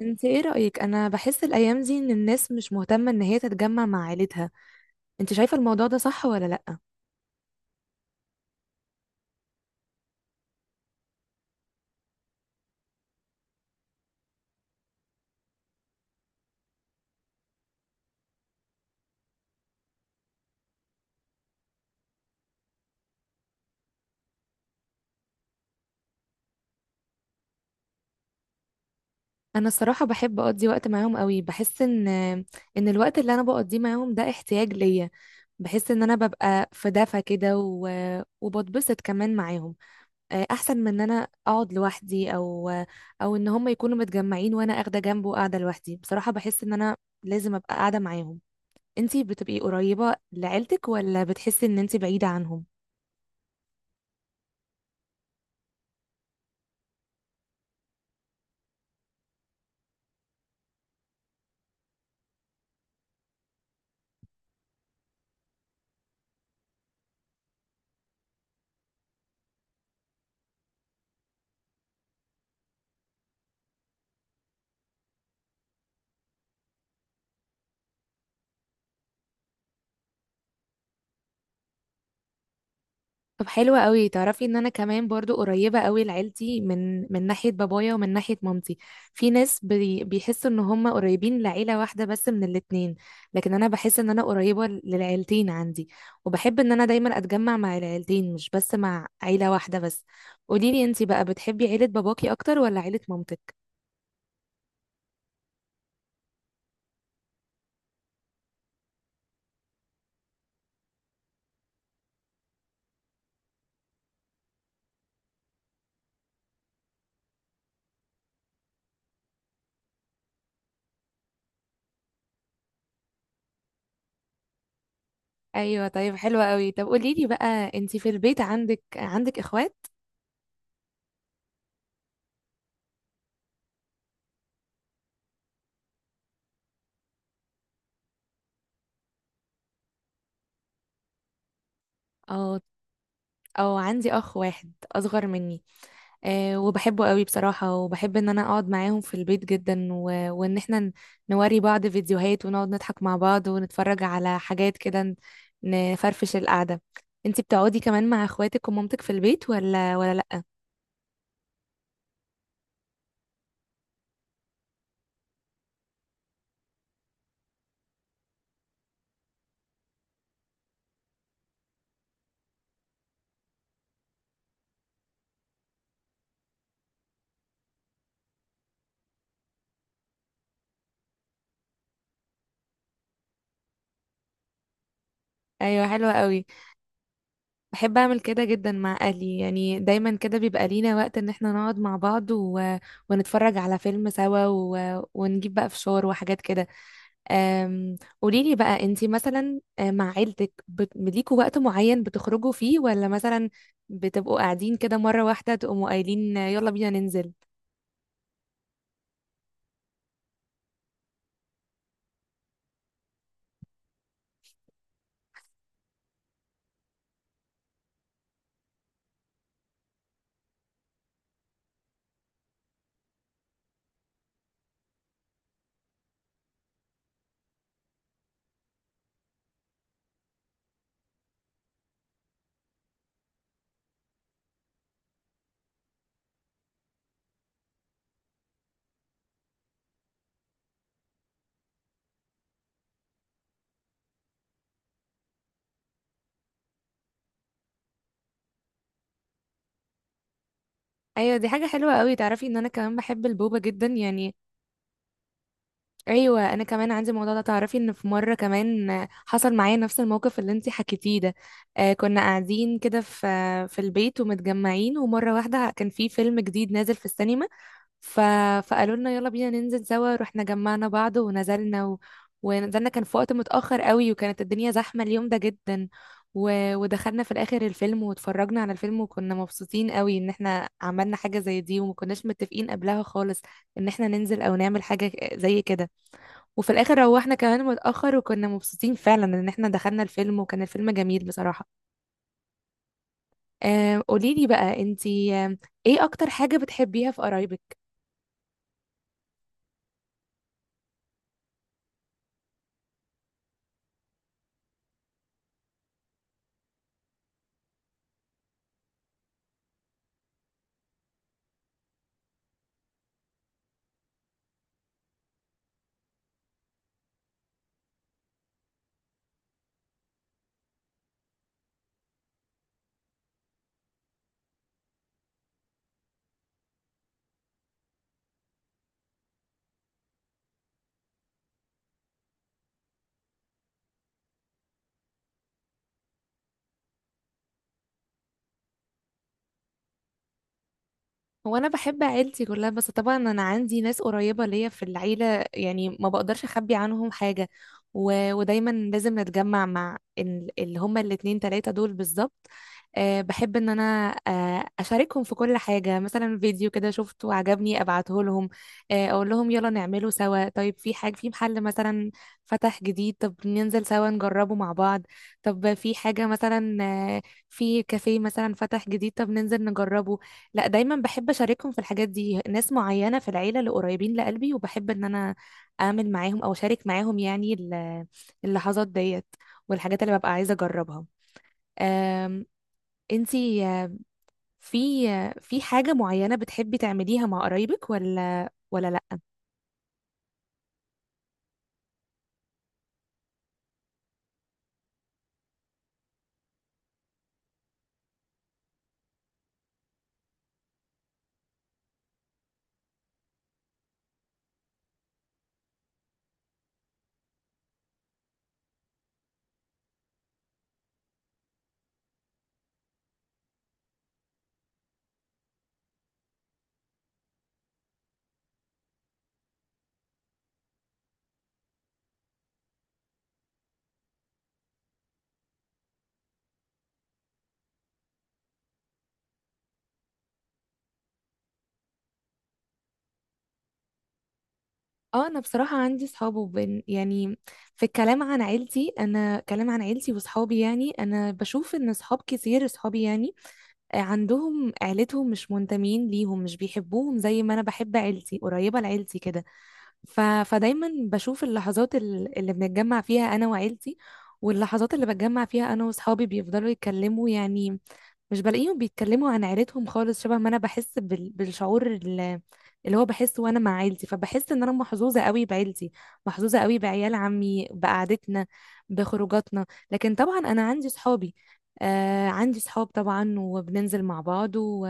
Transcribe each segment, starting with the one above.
انت ايه رأيك؟ انا بحس الايام دي ان الناس مش مهتمة ان هي تتجمع مع عيلتها. انت شايفة الموضوع ده صح ولا لأ؟ انا الصراحة بحب اقضي وقت معاهم قوي. بحس ان الوقت اللي انا بقضيه معاهم ده احتياج ليا. بحس ان انا ببقى في دفى كده وبتبسط كمان معاهم. آه، احسن من ان انا اقعد لوحدي او ان هم يكونوا متجمعين وانا اخده جنبه وقاعدة لوحدي. بصراحة بحس ان انا لازم ابقى قاعدة معاهم. انتي بتبقي قريبة لعيلتك ولا بتحسي ان انتي بعيدة عنهم؟ طب حلوة قوي. تعرفي ان انا كمان برضو قريبة قوي لعيلتي، من ناحية بابايا ومن ناحية مامتي. في ناس بيحسوا ان هم قريبين لعيلة واحدة بس من الاتنين، لكن انا بحس ان انا قريبة للعيلتين عندي، وبحب ان انا دايما اتجمع مع العيلتين، مش بس مع عيلة واحدة بس. قوليلي انتي بقى، بتحبي عيلة باباكي اكتر ولا عيلة مامتك؟ ايوه طيب حلوة قوي. طب قوليلي بقى، انتي في البيت عندك اخوات؟ اه. او عندي اخ واحد اصغر مني. آه، وبحبه قوي بصراحة. وبحب ان انا اقعد معاهم في البيت جدا، وان احنا نوري بعض فيديوهات ونقعد نضحك مع بعض ونتفرج على حاجات كده، نفرفش القعدة. انتي بتقعدي كمان مع اخواتك ومامتك في البيت ولا لا؟ ايوه حلوة قوي. بحب اعمل كده جدا مع اهلي. يعني دايما كده بيبقى لينا وقت ان احنا نقعد مع بعض ونتفرج على فيلم سوا، ونجيب بقى فشار وحاجات كده. أم، قوليلي بقى، انتي مثلا مع عيلتك ليكوا وقت معين بتخرجوا فيه، ولا مثلا بتبقوا قاعدين كده مرة واحدة تقوموا قايلين يلا بينا ننزل؟ ايوه دي حاجة حلوة قوي. تعرفي ان انا كمان بحب البوبة جدا يعني. ايوه انا كمان عندي الموضوع ده. تعرفي ان في مرة كمان حصل معايا نفس الموقف اللي انتي حكيتيه ده. آه، كنا قاعدين كده في في البيت ومتجمعين، ومرة واحدة كان في فيلم جديد نازل في السينما. ف... فقالوا لنا يلا بينا ننزل سوا. رحنا جمعنا بعض ونزلنا، ونزلنا. كان في وقت متأخر قوي وكانت الدنيا زحمة اليوم ده جدا. و... ودخلنا في الآخر الفيلم واتفرجنا على الفيلم، وكنا مبسوطين قوي ان احنا عملنا حاجة زي دي وما كناش متفقين قبلها خالص ان احنا ننزل او نعمل حاجة زي كده. وفي الآخر روحنا كمان متأخر، وكنا مبسوطين فعلا ان احنا دخلنا الفيلم، وكان الفيلم جميل بصراحة. آه، قوليلي بقى انتي، ايه اكتر حاجة بتحبيها في قرايبك؟ هو انا بحب عيلتي كلها، بس طبعا انا عندي ناس قريبه ليا في العيله، يعني ما بقدرش اخبي عنهم حاجه. ودايما لازم نتجمع مع اللي هما الاتنين تلاته دول بالظبط. أه بحب ان انا أه اشاركهم في كل حاجه. مثلا فيديو كده شفته عجبني ابعته لهم، أه اقول لهم يلا نعمله سوا. طيب في حاجه في محل مثلا فتح جديد، طب ننزل سوا نجربه مع بعض. طب في حاجه مثلا، آه، في كافيه مثلا فتح جديد، طب ننزل نجربه. لا دايما بحب اشاركهم في الحاجات دي، ناس معينه في العيله اللي قريبين لقلبي، وبحب ان انا اعمل معاهم او اشارك معاهم يعني اللحظات ديت والحاجات اللي ببقى عايزه اجربها. أم، انتي في في حاجه معينه بتحبي تعمليها مع قرايبك ولا لا؟ اه انا بصراحه عندي صحاب يعني في الكلام عن عيلتي، انا كلام عن عيلتي وصحابي، يعني انا بشوف ان صحاب كتير صحابي يعني عندهم عيلتهم مش منتمين ليهم، مش بيحبوهم زي ما انا بحب عيلتي قريبة لعيلتي كده. فدايما بشوف اللحظات اللي بنتجمع فيها انا وعيلتي، واللحظات اللي بتجمع فيها انا واصحابي بيفضلوا يتكلموا يعني، مش بلاقيهم بيتكلموا عن عيلتهم خالص شبه ما انا بحس بالشعور اللي هو بحسه وانا مع عيلتي. فبحس ان انا محظوظه قوي بعيلتي، محظوظه قوي بعيال عمي، بقعدتنا، بخروجاتنا. لكن طبعا انا عندي صحابي، آه عندي صحاب طبعا، وبننزل مع بعض،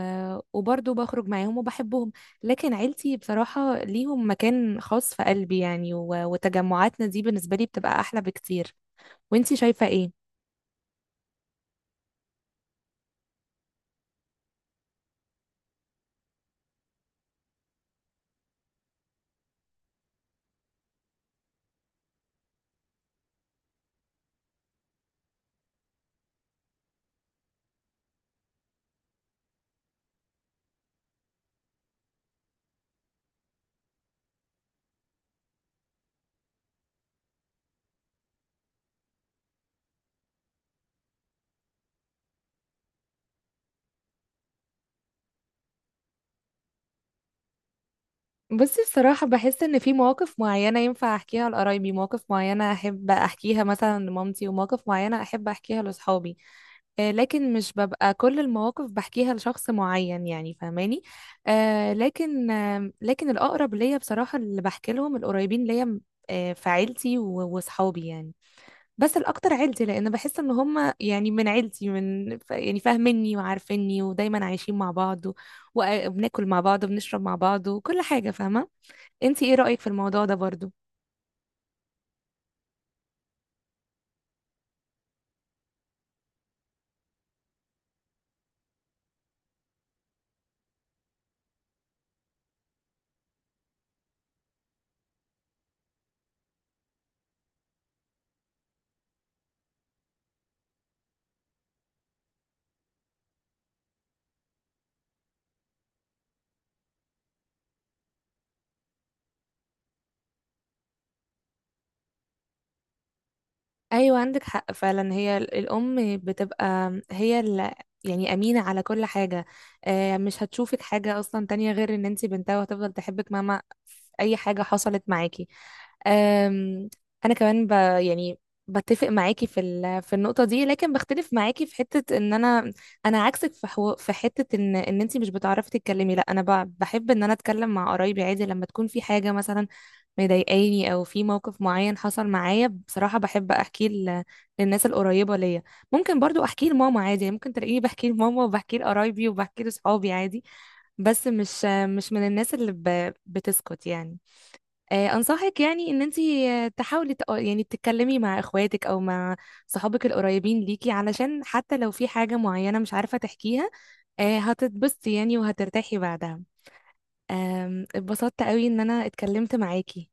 وبرضه بخرج معاهم وبحبهم، لكن عيلتي بصراحه ليهم مكان خاص في قلبي يعني، وتجمعاتنا دي بالنسبه لي بتبقى احلى بكتير. وانتي شايفه ايه؟ بصي بصراحة بحس إن في مواقف معينة ينفع أحكيها لقرايبي، مواقف معينة أحب أحكيها مثلا لمامتي، ومواقف معينة أحب أحكيها لأصحابي. آه لكن مش ببقى كل المواقف بحكيها لشخص معين، يعني فاهماني. آه لكن، آه لكن الأقرب ليا بصراحة اللي بحكي لهم القريبين ليا، آه في عيلتي وأصحابي يعني. بس الأكتر عيلتي، لأن بحس إن هم يعني من عيلتي، من يعني فاهميني وعارفيني ودايما عايشين مع بعض وبناكل مع بعض وبنشرب مع بعض وكل حاجة فاهمة. انتي ايه رأيك في الموضوع ده برضو؟ ايوه عندك حق فعلا، هي الام بتبقى هي يعني امينة على كل حاجة. آه، مش هتشوفك حاجة اصلا تانية غير ان انتي بنتها، وهتفضل تحبك مهما اي حاجة حصلت معاكي. آم، انا كمان يعني بتفق معاكي في في النقطة دي، لكن بختلف معاكي في حتة ان انا، انا عكسك في في حتة ان انتي مش بتعرفي تتكلمي. لا انا بحب ان انا اتكلم مع قرايبي عادي، لما تكون في حاجة مثلا مضايقاني او في موقف معين حصل معايا، بصراحة بحب احكيه للناس القريبة ليا. ممكن برضو احكيه لماما عادي، يعني ممكن تلاقيني بحكيه لماما وبحكيه لقرايبي وبحكيه لصحابي عادي، بس مش، مش من الناس اللي بتسكت يعني. آه، انصحك يعني ان انتي آه، يعني تتكلمي مع اخواتك او مع صحابك القريبين ليكي، علشان حتى لو في حاجة معينة مش عارفة تحكيها، آه، هتتبسطي يعني وهترتاحي بعدها. آم، اتبسطت قوي ان انا اتكلمت معاكي.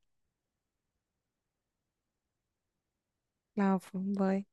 العفو، باي.